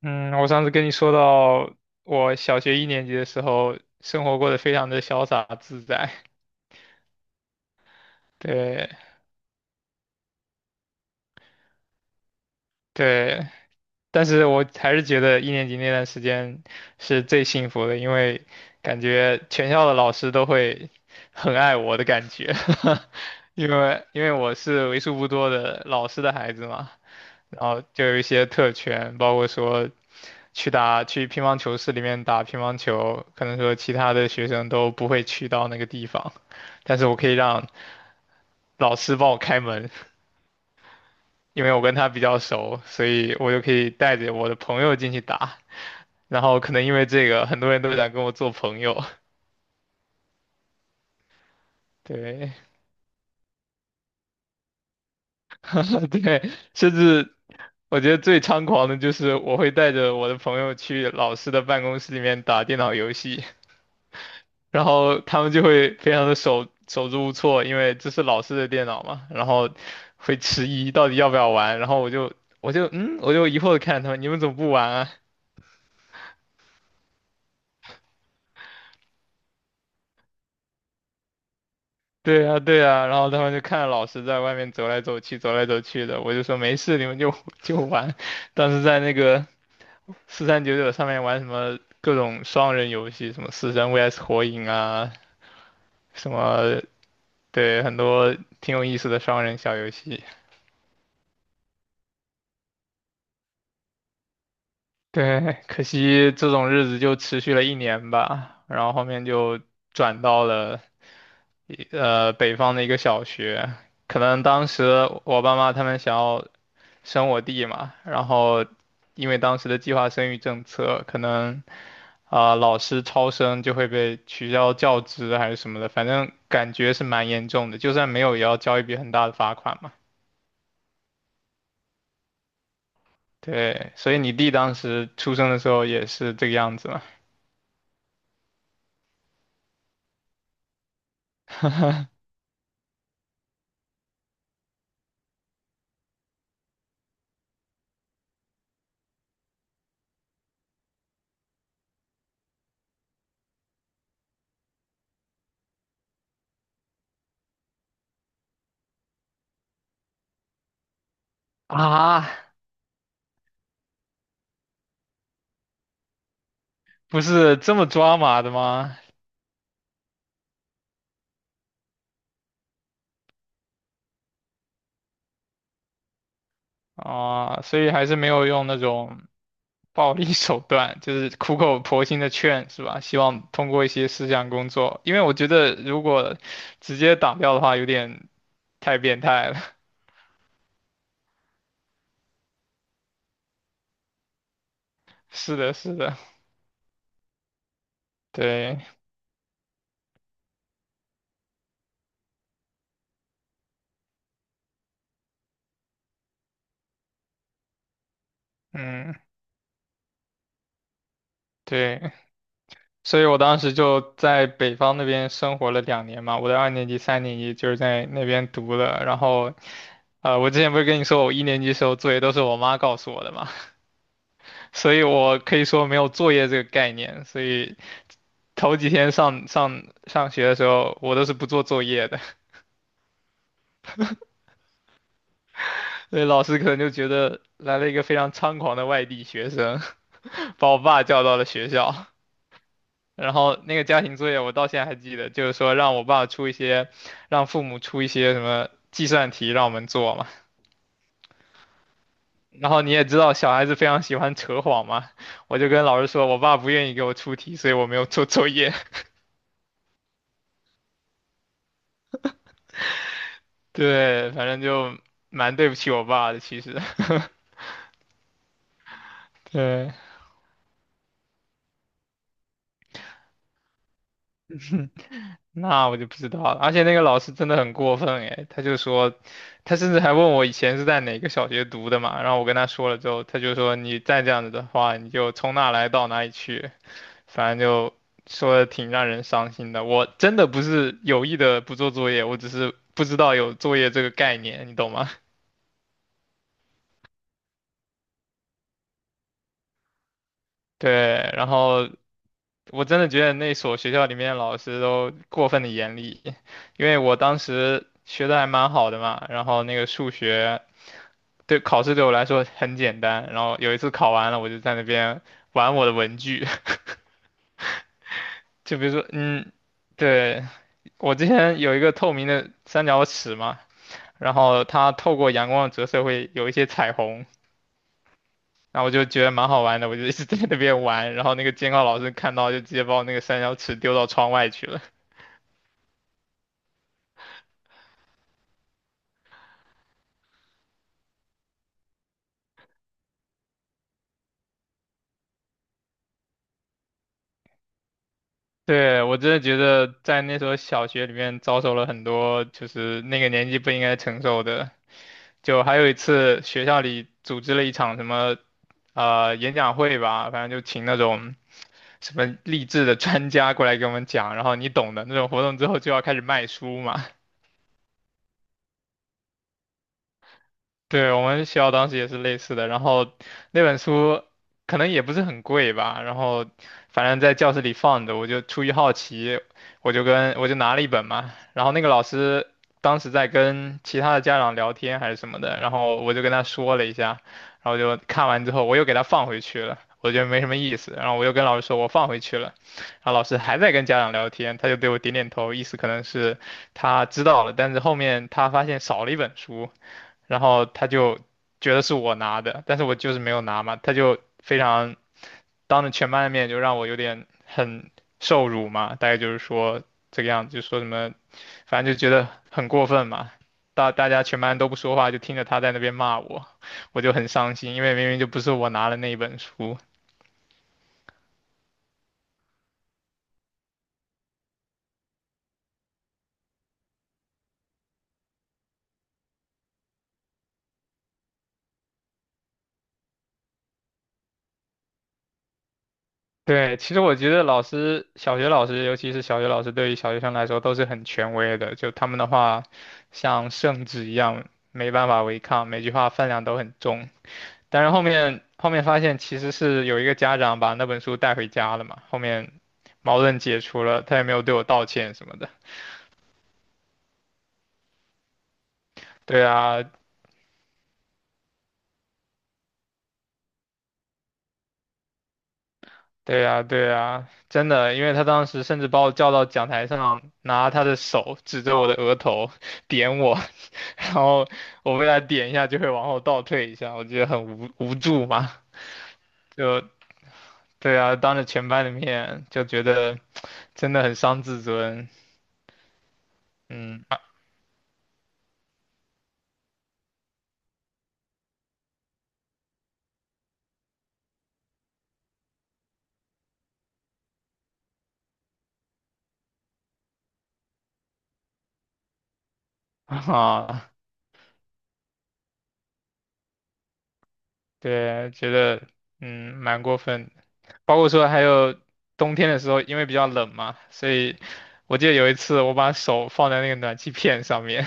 嗯，我上次跟你说到，我小学一年级的时候，生活过得非常的潇洒自在。对对，但是我还是觉得一年级那段时间是最幸福的，因为感觉全校的老师都会很爱我的感觉。因为我是为数不多的老师的孩子嘛，然后就有一些特权，包括说去乒乓球室里面打乒乓球，可能说其他的学生都不会去到那个地方，但是我可以让老师帮我开门，因为我跟他比较熟，所以我就可以带着我的朋友进去打。然后可能因为这个，很多人都想跟我做朋友，对，对，甚至我觉得最猖狂的就是我会带着我的朋友去老师的办公室里面打电脑游戏。然后他们就会非常的手足无措，因为这是老师的电脑嘛，然后会迟疑到底要不要玩，然后我就我就疑惑的看着他们，你们怎么不玩啊？对啊，对啊，然后他们就看着老师在外面走来走去，走来走去的，我就说没事，你们就 就玩。当时在那个4399上面玩什么各种双人游戏，什么死神 VS 火影啊，什么对，很多挺有意思的双人小游戏。对，可惜这种日子就持续了一年吧，然后后面就转到了北方的一个小学，可能当时我爸妈他们想要生我弟嘛，然后因为当时的计划生育政策，可能啊、老师超生就会被取消教职还是什么的，反正感觉是蛮严重的，就算没有也要交一笔很大的罚款嘛。对，所以你弟当时出生的时候也是这个样子吗？啊，不是这么抓马的吗？啊，所以还是没有用那种暴力手段，就是苦口婆心的劝，是吧？希望通过一些思想工作，因为我觉得如果直接打掉的话，有点太变态了。是的，是的，对，嗯，对，所以我当时就在北方那边生活了两年嘛，我的二年级、三年级就是在那边读的，然后，我之前不是跟你说我一年级时候作业都是我妈告诉我的嘛。所以我可以说没有作业这个概念，所以头几天上学的时候，我都是不做作业的。所以老师可能就觉得来了一个非常猖狂的外地学生，把我爸叫到了学校，然后那个家庭作业我到现在还记得，就是说让我爸出一些，让父母出一些什么计算题让我们做嘛，然后你也知道小孩子非常喜欢扯谎嘛，我就跟老师说我爸不愿意给我出题，所以我没有做作业。对，反正就蛮对不起我爸的，其实。对，那我就不知道了。而且那个老师真的很过分诶，他就说，他甚至还问我以前是在哪个小学读的嘛。然后我跟他说了之后，他就说你再这样子的话，你就从哪来到哪里去。反正就说的挺让人伤心的。我真的不是有意的不做作业，我只是不知道有作业这个概念，你懂吗？对，然后我真的觉得那所学校里面的老师都过分的严厉，因为我当时学的还蛮好的嘛，然后那个数学对考试对我来说很简单，然后有一次考完了，我就在那边玩我的文具。就比如说，嗯，对，我之前有一个透明的三角尺嘛，然后它透过阳光的折射会有一些彩虹。然后我就觉得蛮好玩的，我就一直在那边玩，然后那个监考老师看到就直接把我那个三角尺丢到窗外去了。对，我真的觉得在那所小学里面遭受了很多就是那个年纪不应该承受的。就还有一次学校里组织了一场什么演讲会吧，反正就请那种什么励志的专家过来给我们讲，然后你懂的那种活动之后就要开始卖书嘛，对，我们学校当时也是类似的，然后那本书可能也不是很贵吧，然后反正在教室里放着，我就出于好奇，我就拿了一本嘛，然后那个老师当时在跟其他的家长聊天还是什么的，然后我就跟他说了一下，然后就看完之后我又给他放回去了，我觉得没什么意思，然后我又跟老师说我放回去了，然后老师还在跟家长聊天，他就对我点点头，意思可能是他知道了，但是后面他发现少了一本书。然后他就觉得是我拿的，但是我就是没有拿嘛，他就非常当着全班的面就让我有点很受辱嘛，大概就是说这个样子，就说什么，反正就觉得很过分嘛。大家全班都不说话，就听着他在那边骂我，我就很伤心，因为明明就不是我拿了那一本书。对，其实我觉得老师，小学老师，尤其是小学老师，对于小学生来说都是很权威的。就他们的话，像圣旨一样，没办法违抗，每句话分量都很重。但是后面发现，其实是有一个家长把那本书带回家了嘛，后面矛盾解除了，他也没有对我道歉什么的。对啊，对呀，对呀，真的，因为他当时甚至把我叫到讲台上，拿他的手指着我的额头点我，然后我被他点一下就会往后倒退一下，我觉得很无助嘛，就对啊，当着全班的面就觉得真的很伤自尊。嗯 啊，对，觉得蛮过分的。包括说还有冬天的时候，因为比较冷嘛，所以我记得有一次我把手放在那个暖气片上面，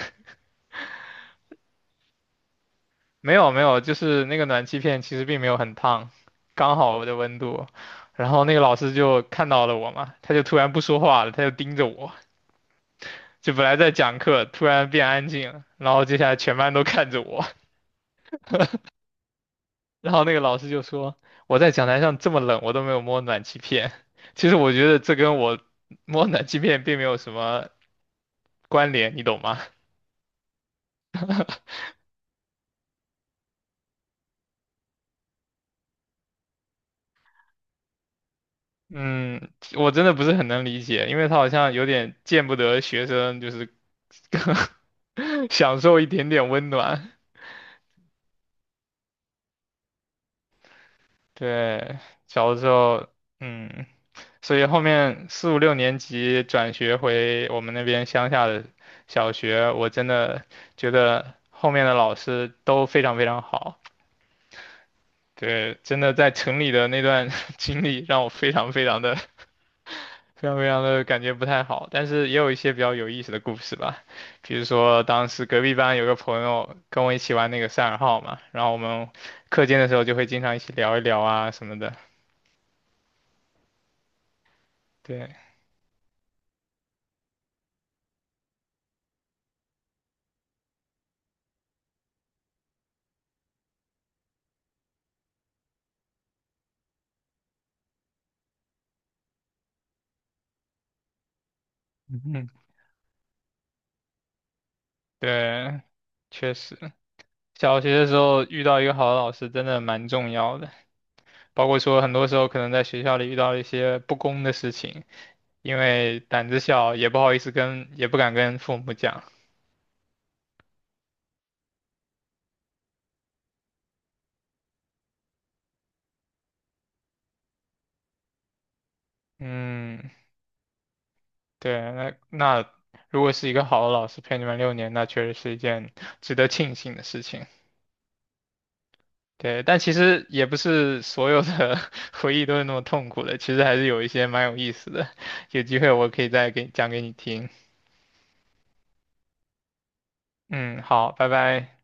没有没有，就是那个暖气片其实并没有很烫，刚好我的温度。然后那个老师就看到了我嘛，他就突然不说话了，他就盯着我，就本来在讲课，突然变安静了，然后接下来全班都看着我。然后那个老师就说我在讲台上这么冷，我都没有摸暖气片。其实我觉得这跟我摸暖气片并没有什么关联，你懂吗？嗯，我真的不是很能理解，因为他好像有点见不得学生，就是 享受一点点温暖。对，小的时候，嗯，所以后面四五六年级转学回我们那边乡下的小学，我真的觉得后面的老师都非常非常好。对，真的在城里的那段 经历让我非常非常的非常非常的感觉不太好，但是也有一些比较有意思的故事吧，比如说当时隔壁班有个朋友跟我一起玩那个赛尔号嘛，然后我们课间的时候就会经常一起聊一聊啊什么的，对，嗯，对，确实，小学的时候遇到一个好的老师真的蛮重要的，包括说很多时候可能在学校里遇到一些不公的事情，因为胆子小也不好意思跟，也不敢跟父母讲，嗯。对，那如果是一个好的老师陪你们六年，那确实是一件值得庆幸的事情。对，但其实也不是所有的 回忆都是那么痛苦的，其实还是有一些蛮有意思的。有机会我可以再给讲给你听。嗯，好，拜拜。